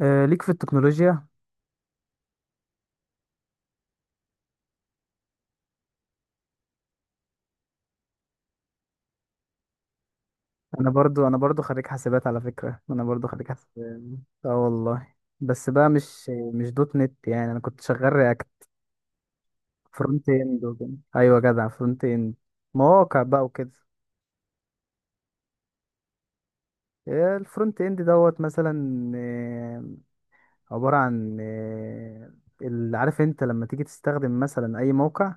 آه، ليك في التكنولوجيا. انا برضو خريج حاسبات، على فكرة، انا برضو خريج حاسبات. اه والله. بس بقى مش دوت نت، يعني انا كنت شغال رياكت فرونت اند وكده. ايوه جدع، فرونت اند، مواقع بقى وكده. الفرونت اند دوت مثلا عبارة عن، عارف انت لما تيجي تستخدم مثلا اي موقع،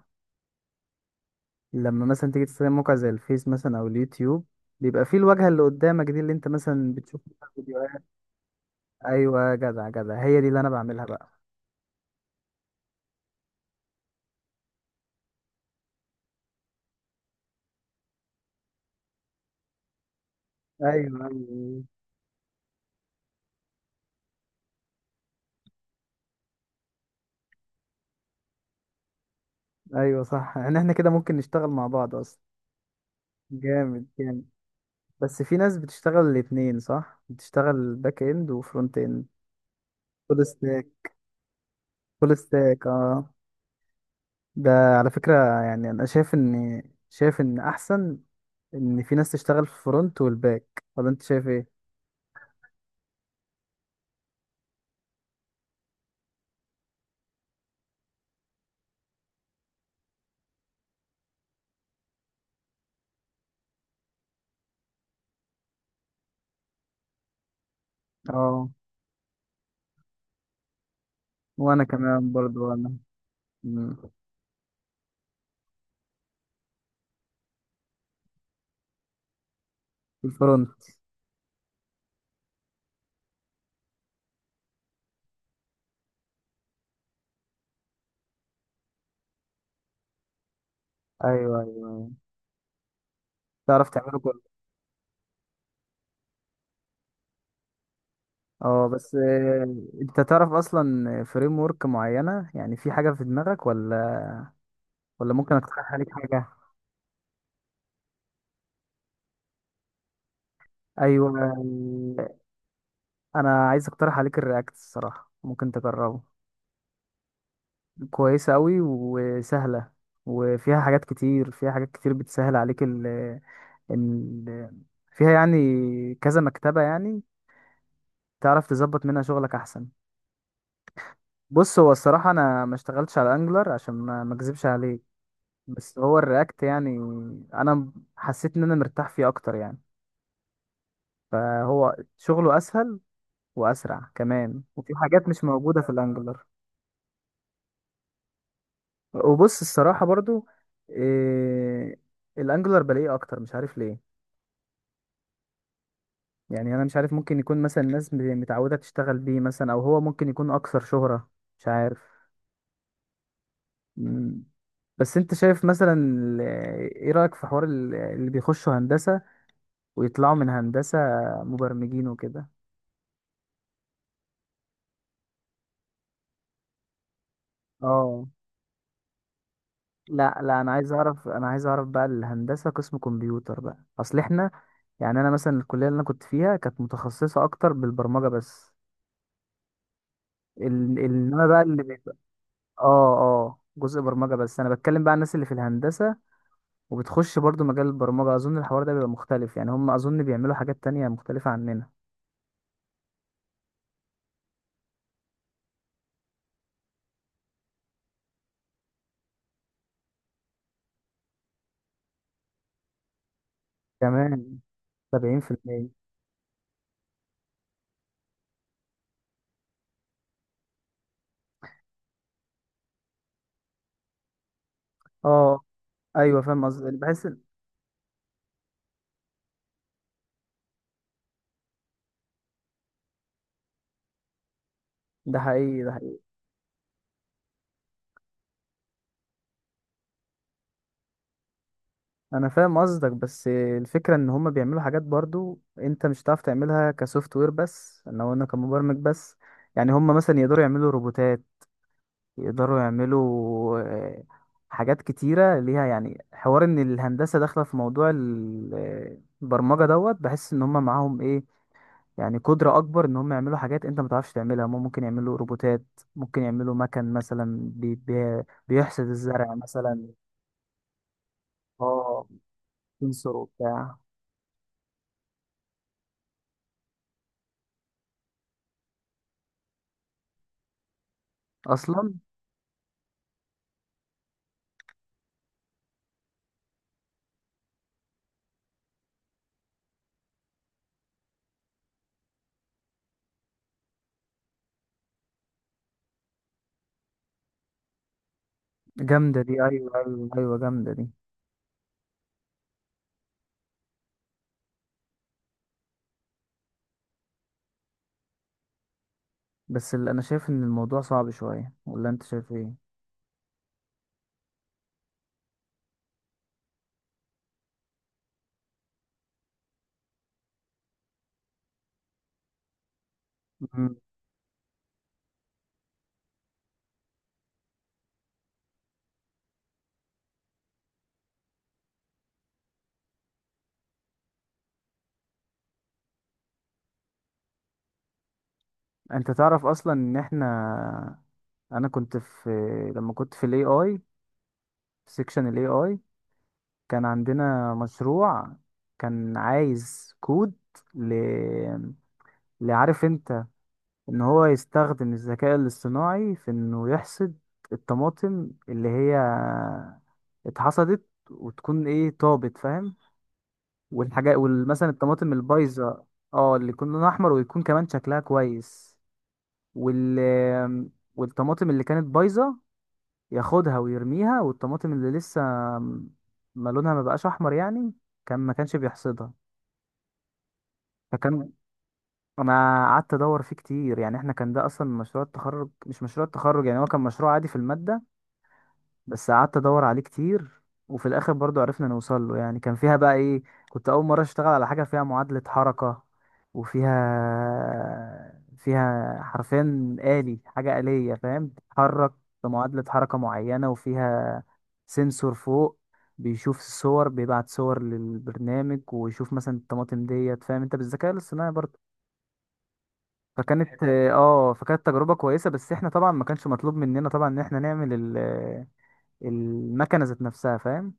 لما مثلا تيجي تستخدم موقع زي الفيس مثلا او اليوتيوب، بيبقى فيه الواجهة اللي قدامك دي اللي انت مثلا بتشوف فيديوهات. ايوه جدع جدع، هي دي اللي انا بعملها بقى. ايوه، ايوه، ايوه صح، يعني احنا كده ممكن نشتغل مع بعض اصلا. جامد جامد. بس في ناس بتشتغل الاتنين، صح، بتشتغل باك اند وفرونت اند. فول ستاك. فول ستاك، اه. ده على فكرة، يعني انا شايف ان احسن ان في ناس تشتغل في الفرونت والباك، ولا انت شايف ايه؟ اه، وانا كمان برضو انا، مم. في الفرونت. ايوه ايوه، تعرف تعمله. اه، بس، انت تعرف اصلا فريم ورك معينه؟ يعني في حاجه في دماغك، ولا ممكن اقترح عليك حاجه؟ ايوه. انا عايز اقترح عليك الرياكت، الصراحه ممكن تجربه. كويسه قوي وسهله، وفيها حاجات كتير بتسهل عليك ال ال فيها يعني كذا مكتبه، يعني تعرف تظبط منها شغلك احسن. بص، هو الصراحه انا ما اشتغلتش على انجلر، عشان ما اكذبش عليك، بس هو الرياكت يعني انا حسيت ان انا مرتاح فيه اكتر، يعني فهو شغله اسهل واسرع كمان، وفي حاجات مش موجوده في الانجلر. وبص الصراحه برضو، إيه، الانجلر بلاقيه اكتر، مش عارف ليه. يعني انا مش عارف، ممكن يكون مثلا الناس متعوده تشتغل بيه مثلا، او هو ممكن يكون اكثر شهره، مش عارف. مم. بس انت شايف مثلا ايه رأيك في حوار اللي بيخشوا هندسة ويطلعوا من هندسة مبرمجين وكده؟ اه. لا لا، انا عايز اعرف، بقى الهندسه قسم كمبيوتر، بقى اصل احنا، يعني انا مثلا الكليه اللي انا كنت فيها كانت متخصصه اكتر بالبرمجه بس، ال... انما بقى اللي بيبقى، اه اه، جزء برمجه بس. انا بتكلم بقى عن الناس اللي في الهندسه وبتخش برضو مجال البرمجه، اظن الحوار ده بيبقى مختلف، يعني هم اظن بيعملوا حاجات تانية مختلفه عننا. كمان 70%. اه، ايوه فاهم قصدي، بحس ده حقيقي ده حقيقي. انا فاهم قصدك، بس الفكره ان هما بيعملوا حاجات برضو انت مش هتعرف تعملها كسوفت وير، بس ان هو انا، وانا كمبرمج بس، يعني هما مثلا يقدروا يعملوا روبوتات، يقدروا يعملوا حاجات كتيره ليها، يعني حوار ان الهندسه داخله في موضوع البرمجه دوت، بحس ان هما معاهم ايه، يعني قدره اكبر ان هما يعملوا حاجات انت ما تعرفش تعملها. هما ممكن يعملوا روبوتات، ممكن يعملوا مكن مثلا، بي بي بيحسد الزرع مثلا. اه، سنسور وبتاع. اصلا جامدة دي، أيوة أيوة أيوة، جامدة دي. بس اللي أنا شايف إن الموضوع صعب شوية، ولا أنت شايف إيه؟ مم. أنت تعرف أصلا إن إحنا، أنا كنت في لما كنت في ال AI، في سيكشن ال AI، كان عندنا مشروع كان عايز كود، ل... لعارف أنت إن هو يستخدم الذكاء الاصطناعي في إنه يحصد الطماطم اللي هي اتحصدت وتكون إيه، طابت، فاهم؟ والحاجات، ومثلا الطماطم البايظه. اه، اللي يكون لونها احمر ويكون كمان شكلها كويس، وال والطماطم اللي كانت بايظه ياخدها ويرميها. والطماطم اللي لسه ما لونها ما بقاش احمر يعني، كان ما كانش بيحصدها. فكان انا قعدت ادور فيه كتير، يعني احنا كان ده اصلا مشروع التخرج، مش مشروع التخرج، يعني هو كان مشروع عادي في الماده، بس قعدت ادور عليه كتير، وفي الاخر برضو عرفنا نوصل له. يعني كان فيها بقى ايه، كنت اول مره اشتغل على حاجه فيها معادله حركه، وفيها حرفين آلي، حاجه آلية فاهم، بتتحرك بمعادله حركه معينه، وفيها سنسور فوق بيشوف الصور، بيبعت صور للبرنامج ويشوف مثلا الطماطم ديت، فاهم انت، بالذكاء الاصطناعي برضه. فكانت تجربه كويسه، بس احنا طبعا ما كانش مطلوب مننا طبعا ان احنا نعمل المكنه ذات نفسها، فاهم.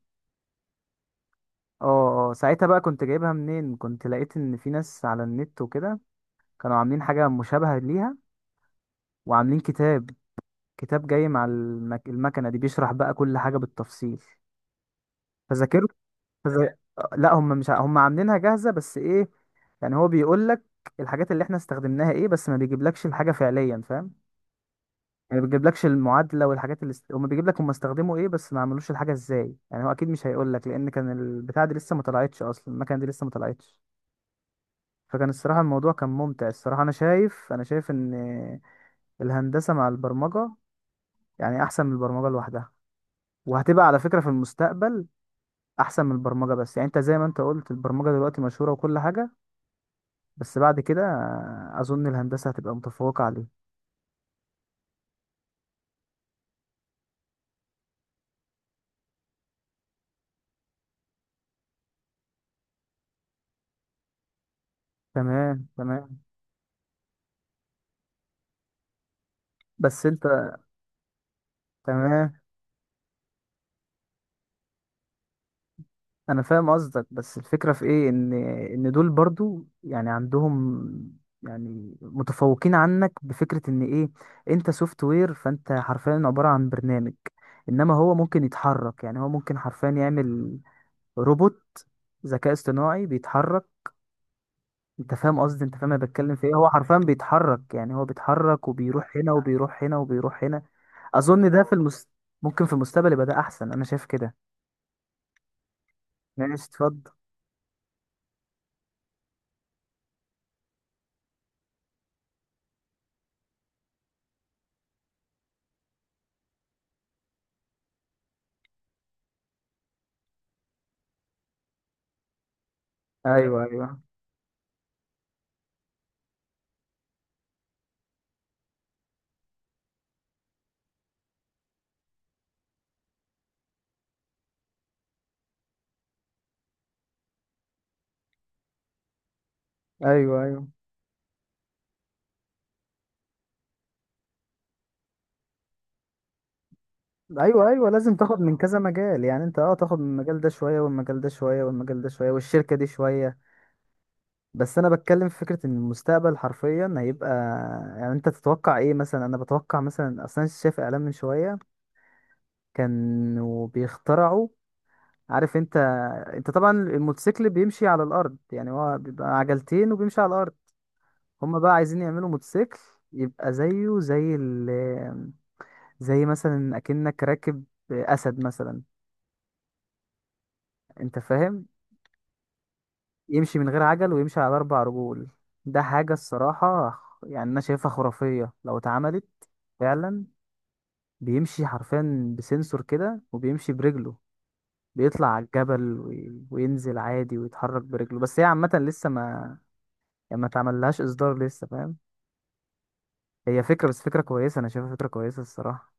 اه اه، ساعتها بقى كنت جايبها منين؟ كنت لقيت ان في ناس على النت وكده كانوا عاملين حاجه مشابهه ليها، وعاملين كتاب جاي مع المكنه دي، بيشرح بقى كل حاجه بالتفصيل، فذاكرت. فز... لا، هم مش هم عاملينها جاهزه، بس ايه، يعني هو بيقول لك الحاجات اللي احنا استخدمناها ايه، بس ما بيجيبلكش الحاجه فعليا، فاهم. يعني ما بيجيبلكش المعادله والحاجات اللي هم بيجيب لك هم استخدموا ايه، بس ما عملوش الحاجه ازاي. يعني هو اكيد مش هيقول لك، لان كان البتاع دي لسه ما طلعتش اصلا، المكنه دي لسه ما طلعتش. فكان الصراحه الموضوع كان ممتع الصراحه. انا شايف، انا شايف ان الهندسه مع البرمجه يعني احسن من البرمجه لوحدها، وهتبقى على فكره في المستقبل احسن من البرمجه، بس يعني انت زي ما انت قلت البرمجه دلوقتي مشهوره وكل حاجه، بس بعد كده اظن الهندسه هتبقى متفوقه عليه. تمام تمام. بس انت، تمام، انا فاهم قصدك، بس الفكره في ايه، ان دول برضو يعني عندهم، يعني متفوقين عنك بفكره ان ايه، انت سوفت وير فانت حرفيا عباره عن برنامج، انما هو ممكن يتحرك، يعني هو ممكن حرفيا يعمل روبوت، ذكاء اصطناعي بيتحرك، انت فاهم قصدي، انت فاهم انا بتكلم في ايه، هو حرفيا بيتحرك، يعني هو بيتحرك وبيروح هنا وبيروح هنا وبيروح هنا. اظن ده في ممكن في المستقبل يبقى ده احسن، انا شايف كده. ماشي اتفضل. ايوه ايوه ايوه، ايوه ايوه ايوه، لازم تاخد من كذا مجال، يعني انت، تاخد من المجال ده شويه والمجال ده شويه والمجال ده شويه والشركه دي شويه. بس انا بتكلم في فكره ان المستقبل حرفيا هيبقى، يعني انت تتوقع ايه مثلا؟ انا بتوقع مثلا، اصلا شايف اعلان من شويه كانوا بيخترعوا، عارف انت، انت طبعا الموتوسيكل بيمشي على الارض، يعني هو بيبقى عجلتين وبيمشي على الارض، هما بقى عايزين يعملوا موتوسيكل يبقى زيه، زي مثلا اكنك راكب اسد مثلا، انت فاهم، يمشي من غير عجل ويمشي على اربع رجول. ده حاجة الصراحة يعني انا شايفها خرافية لو اتعملت فعلا، بيمشي حرفيا بسنسور كده وبيمشي برجله، بيطلع على الجبل وينزل عادي ويتحرك برجله، بس هي عامة لسه ما، يعني ما اتعملهاش اصدار لسه، فاهم، هي فكرة بس، فكرة كويسة، انا شايفها فكرة كويسة الصراحة.